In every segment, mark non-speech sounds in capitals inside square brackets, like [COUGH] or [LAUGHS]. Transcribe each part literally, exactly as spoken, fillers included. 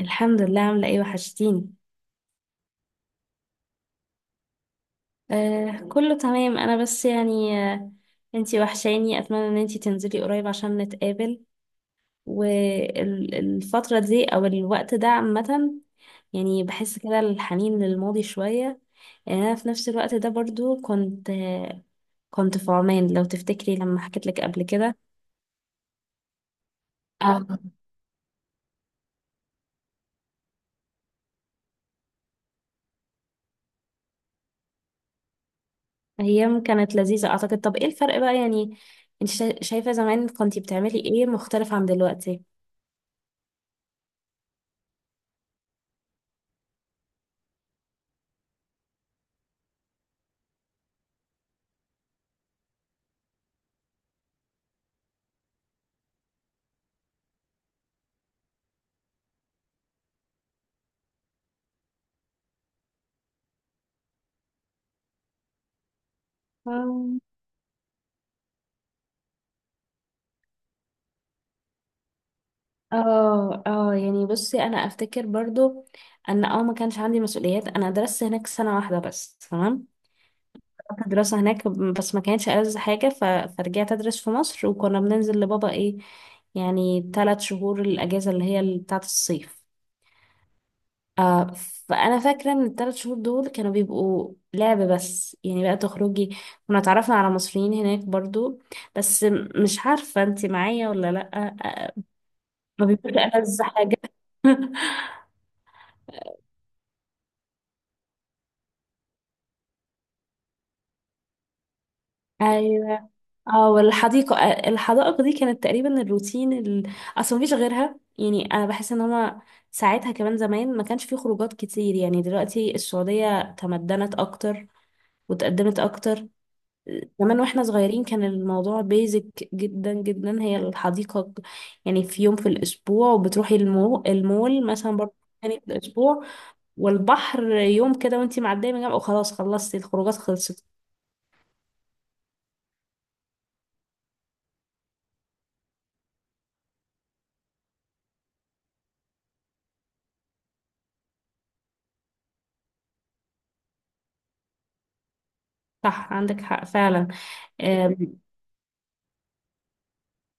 الحمد لله. عاملة ايه؟ وحشتيني. آه كله تمام. انا بس يعني آه انتي وحشاني، اتمنى ان انتي تنزلي قريب عشان نتقابل. والفترة دي او الوقت ده عامة يعني بحس كده الحنين للماضي شوية. يعني انا في نفس الوقت ده برضو كنت آه كنت في عمان، لو تفتكري لما حكيت لك قبل كده. اه، ايام كانت لذيذة اعتقد. طب ايه الفرق بقى يعني؟ انت شا- شايفة زمان كنتي بتعملي ايه مختلف عن دلوقتي؟ اه اه، يعني بصي، انا افتكر برضو ان اه ما كانش عندي مسؤوليات. انا درست هناك سنة واحدة بس تمام. كانت الدراسة هناك بس ما كانتش ألذ حاجة، ف... فرجعت أدرس في مصر، وكنا بننزل لبابا إيه يعني ثلاث شهور الأجازة اللي هي بتاعة الصيف. آه. فأنا فاكرة إن الثلاث شهور دول كانوا بيبقوا لعب بس يعني بقى تخرجي. كنا اتعرفنا على مصريين هناك برضو، بس م- مش عارفة انتي معايا ولا لأ. آه. ما بيبقوش ألذ حاجة. [LAUGHS] ايوه. اه، والحديقه. آه، الحدائق دي كانت تقريبا الروتين ال... اصل مفيش غيرها، يعني انا بحس ان هما ساعتها كمان زمان ما كانش في خروجات كتير. يعني دلوقتي السعوديه تمدنت اكتر وتقدمت اكتر. زمان واحنا صغيرين كان الموضوع بيزك جدا جدا هي الحديقه. يعني في يوم في الاسبوع وبتروحي المو... المول مثلا برضه تاني في الاسبوع، والبحر يوم كده وانتي معديه من جنبه وخلاص خلصتي الخروجات خلصت. صح، عندك حق فعلا. آه،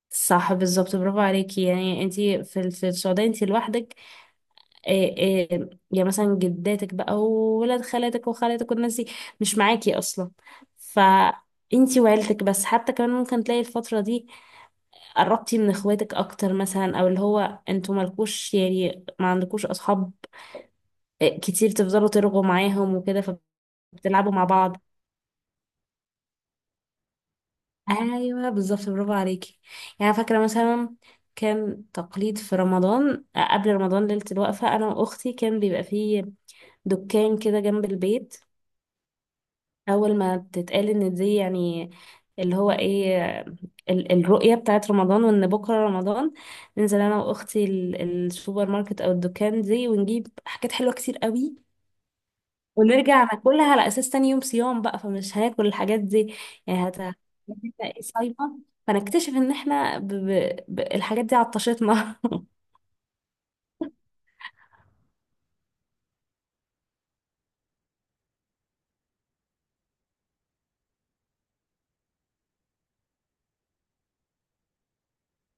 صح بالظبط، برافو عليكي. يعني انت في ال- في السعوديه انت لوحدك. آه، آه، يعني مثلا جداتك بقى وولاد خالاتك وخالاتك والناس دي مش معاكي اصلا. ف انتي وعيلتك بس. حتى كمان ممكن تلاقي الفترة دي قربتي من اخواتك اكتر مثلا، او اللي هو انتوا مالكوش، يعني ما عندكوش اصحاب. آه، كتير تفضلوا ترغوا معاهم وكده، فبتلعبوا مع بعض. ايوه بالظبط، برافو عليكي. يعني فاكره مثلا كان تقليد في رمضان، آه، قبل رمضان ليله الوقفه انا واختي كان بيبقى فيه دكان كده جنب البيت. اول ما تتقال ان دي يعني اللي هو ايه، ال- الرؤيه بتاعت رمضان وان بكره رمضان، ننزل انا واختي ال- السوبر ماركت او الدكان دي ونجيب حاجات حلوه كتير قوي، ونرجع ناكلها على اساس تاني يوم صيام بقى فمش هناكل الحاجات دي. يعني هت هتبقى صايمه. فنكتشف ان احنا ب... ب... ب... الحاجات دي عطشتنا. [LAUGHS]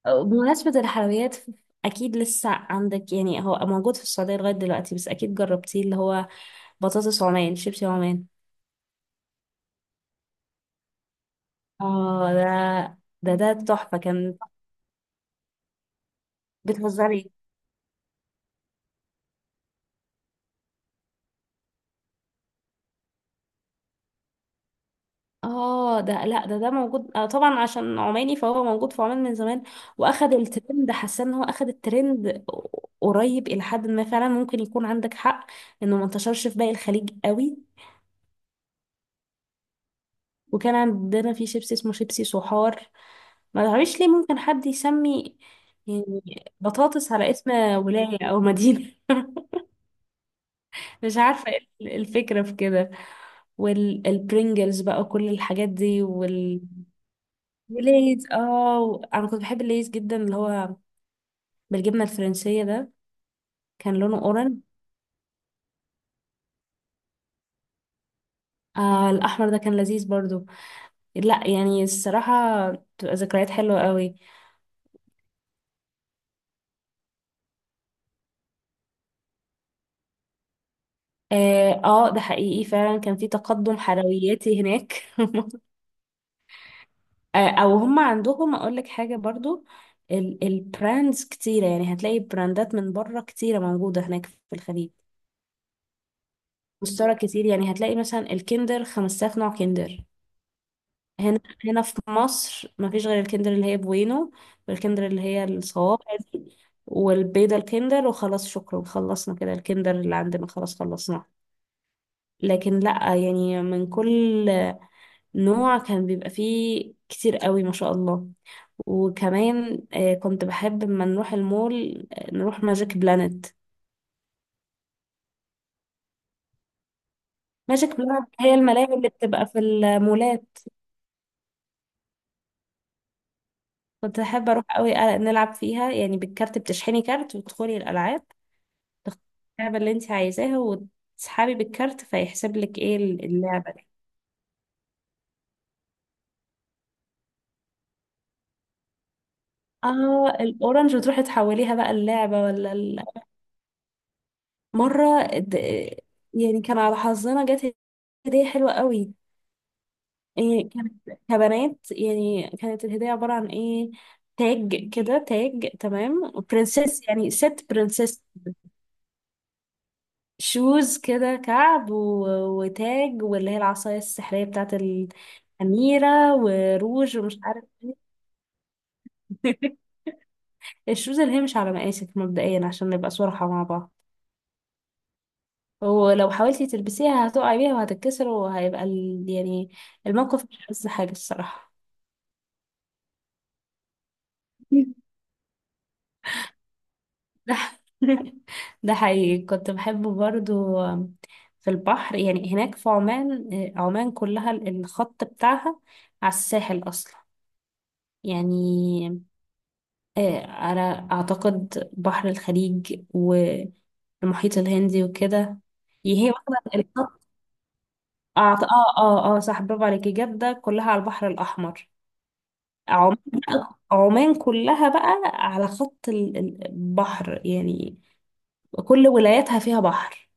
بمناسبة الحلويات، اكيد لسه عندك يعني، هو موجود في السعودية لغاية دلوقتي، بس اكيد جربتيه اللي هو بطاطس عمان، شيبسي عمان. اه، ده ده ده تحفة كان. بتهزري؟ اه، ده لا ده ده موجود آه طبعا، عشان عماني فهو موجود في عمان من زمان. واخد الترند، حاسه ان هو اخد الترند قريب الى حد ما فعلا. ممكن يكون عندك حق انه ما انتشرش في باقي الخليج قوي. وكان عندنا في شيبسي اسمه شيبسي صحار. ما تعرفش ليه ممكن حد يسمي يعني بطاطس على اسم ولاية او مدينة؟ [LAUGHS] مش عارفة ايه الفكرة في كده. والبرينجلز بقى، كل الحاجات دي. وليز، اه، انا كنت بحب الليز جدا اللي هو بالجبنه الفرنسيه ده. كان لونه اورنج. آه، الاحمر ده كان لذيذ برضو. لا يعني الصراحه بتبقى ذكريات حلوه قوي. اه، آه، ده حقيقي فعلا، كان في تقدم حلوياتي هناك. [LAUGHS] آه، او هم عندهم، اقول لك حاجه برضو، ال- البراندز كتيره، يعني هتلاقي براندات من بره كتيره موجوده هناك في الخليج. مستورد كتير، يعني هتلاقي مثلا الكندر خمسة آلاف نوع كندر. هنا هنا في مصر مفيش غير الكندر اللي هي بوينو، والكندر اللي هي الصوابع دي، والبيضة الكندر، وخلاص شكرا خلصنا كده. الكندر اللي عندنا خلاص خلصناه. لكن لأ، يعني من كل نوع كان بيبقى فيه كتير قوي ما شاء الله. وكمان آه، كنت بحب لما نروح المول، آه، نروح ماجيك بلانت. ماجيك بلانت هي الملاعب اللي بتبقى في المولات. كنت أحب أروح قوي، ألع- نلعب فيها يعني بالكارت، بتشحني كارت وتدخلي الألعاب، تختاري اللعبة اللي انت عايزاها وتسحبي بالكارت فيحسب لك ايه اللعبة دي. اه الاورنج، وتروحي تحوليها بقى اللعبة ولا ال- مرة د- يعني كان على حظنا جت هدية حلوة قوي. يعني كانت كبنات، يعني كانت الهدية عبارة عن ايه، تاج كده، تاج تمام، برنسيس يعني ست برنسيس. شوز كده كعب، و- وتاج، واللي هي العصاية السحرية بتاعت الأميرة، وروج ومش عارف ايه. [LAUGHS] الشوزة اللي هي مش على مقاسك مبدئيا، عشان نبقى صراحة مع بعض. ولو حاولتي تلبسيها هتقعي بيها وهتتكسر، وهيبقى ال... يعني الموقف مش أحسن حاجة الصراحة ده. [LAUGHS] ده حقيقي كنت بحبه برضو. في البحر يعني هناك في عمان، آه، عمان كلها الخط بتاعها على الساحل أصلا. يعني آه، أنا أعتقد بحر الخليج والمحيط الهندي وكده هي واخدة. اه اه اه اه صح، برافو عليكي. جدة كلها على البحر الأحمر. عمان بقى، عمان كلها بقى على خط ال- ال- البحر، يعني كل ولاياتها فيها بحر.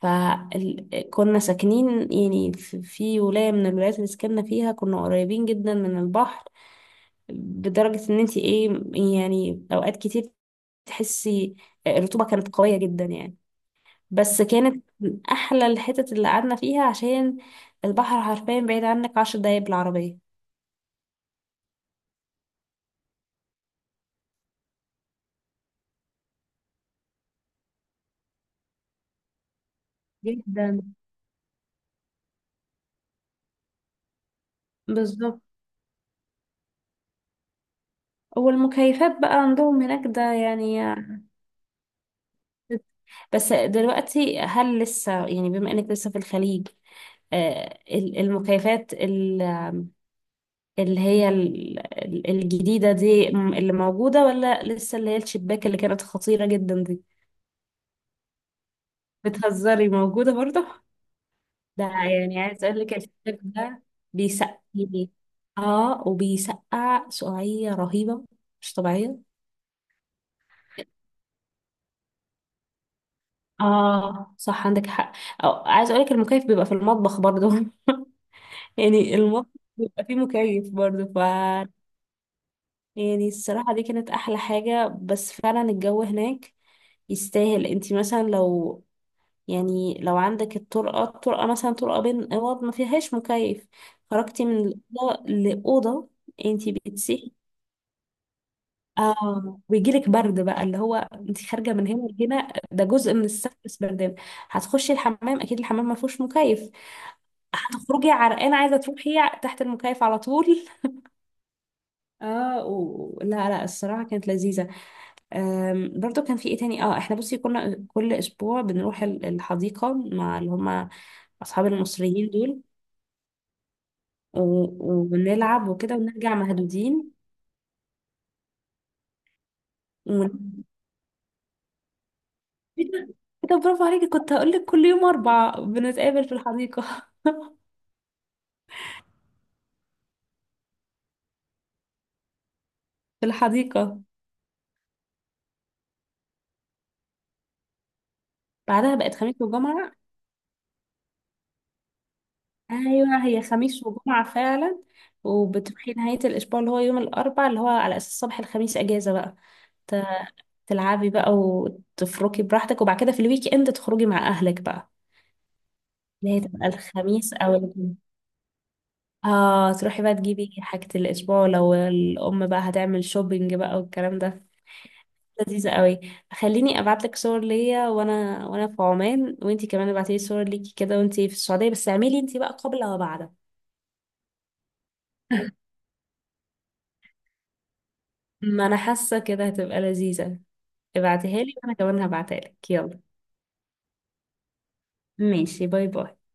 فكنا ساكنين يعني في في ولاية من الولايات اللي سكننا فيها كنا قريبين جدا من البحر، بدرجة ان انتي ايه، يعني اوقات كتير تحسي الرطوبة كانت قوية جدا، يعني بس كانت من احلى الحتت اللي قعدنا فيها، عشان البحر حرفيا بعيد عنك عشر دقايق بالعربية. جدا بالظبط. والمكيفات بقى عندهم هناك ده، يعني بس دلوقتي هل لسه، يعني بما انك لسه في الخليج، آه، ال- المكيفات ال- اللي هي ال- ال- الجديدة دي م- اللي موجودة، ولا لسه اللي هي الشباك اللي كانت خطيرة جدا دي؟ بتهزري، موجودة برضه؟ ده يعني عايز اقول لك، الشباك ده بيسقي، اه، وبيسقع سقعية رهيبة مش طبيعية. اه صح، عندك حق. أو عايز اقولك المكيف بيبقى في المطبخ برضو. [LAUGHS] يعني المطبخ بيبقى فيه مكيف برضو. ف يعني الصراحة دي كانت احلى حاجة، بس فعلا الجو هناك يستاهل. انتي مثلا لو، يعني لو عندك الطرقة، الطرقة مثلا طرقة بين اوض ما فيهاش مكيف، خرجتي من الأوضة لأوضة انتي بتسيحي. اه، ويجيلك برد بقى، اللي هو انت خارجه من هنا لهنا ده جزء من السفر، بس بردان. هتخشي الحمام، اكيد الحمام ما فيهوش مكيف، هتخرجي عرقانة عايزة تروحي تحت المكيف على طول. اه، و... لا لا، الصراحه كانت لذيذه. أم... برضو كان في ايه تاني؟ اه، احنا بصي كنا كل اسبوع بنروح ال- الحديقه مع اللي هم اصحاب المصريين دول، و... ونلعب وكده ونرجع مهدودين. و... كده كده. برافو عليكي، كنت هقول لك كل يوم اربع بنتقابل في الحديقه. [LAUGHS] في الحديقه. بعدها بقت خميس وجمعه. ايوه هي خميس وجمعه فعلا. وبتروحي نهايه الاسبوع اللي هو يوم الاربع، اللي هو على اساس صباح الخميس اجازه بقى، ت- تلعبي بقى وتفركي براحتك، وبعد كده في الويك اند تخرجي مع اهلك بقى، اللي هي تبقى الخميس او الجمعه. اه، تروحي بقى تجيبي حاجه الاسبوع، لو الام بقى هتعمل شوبينج بقى والكلام ده. لذيذه قوي. خليني ابعت لك صور ليا وانا وانا في عمان، وانتي كمان ابعتي لي صور ليكي كده وانتي في السعوديه، بس اعملي انتي بقى قبل وبعد. ما انا حاسه كده هتبقى لذيذه. ابعتيها لي وانا كمان هبعتها لك، يلا. ماشي، باي باي.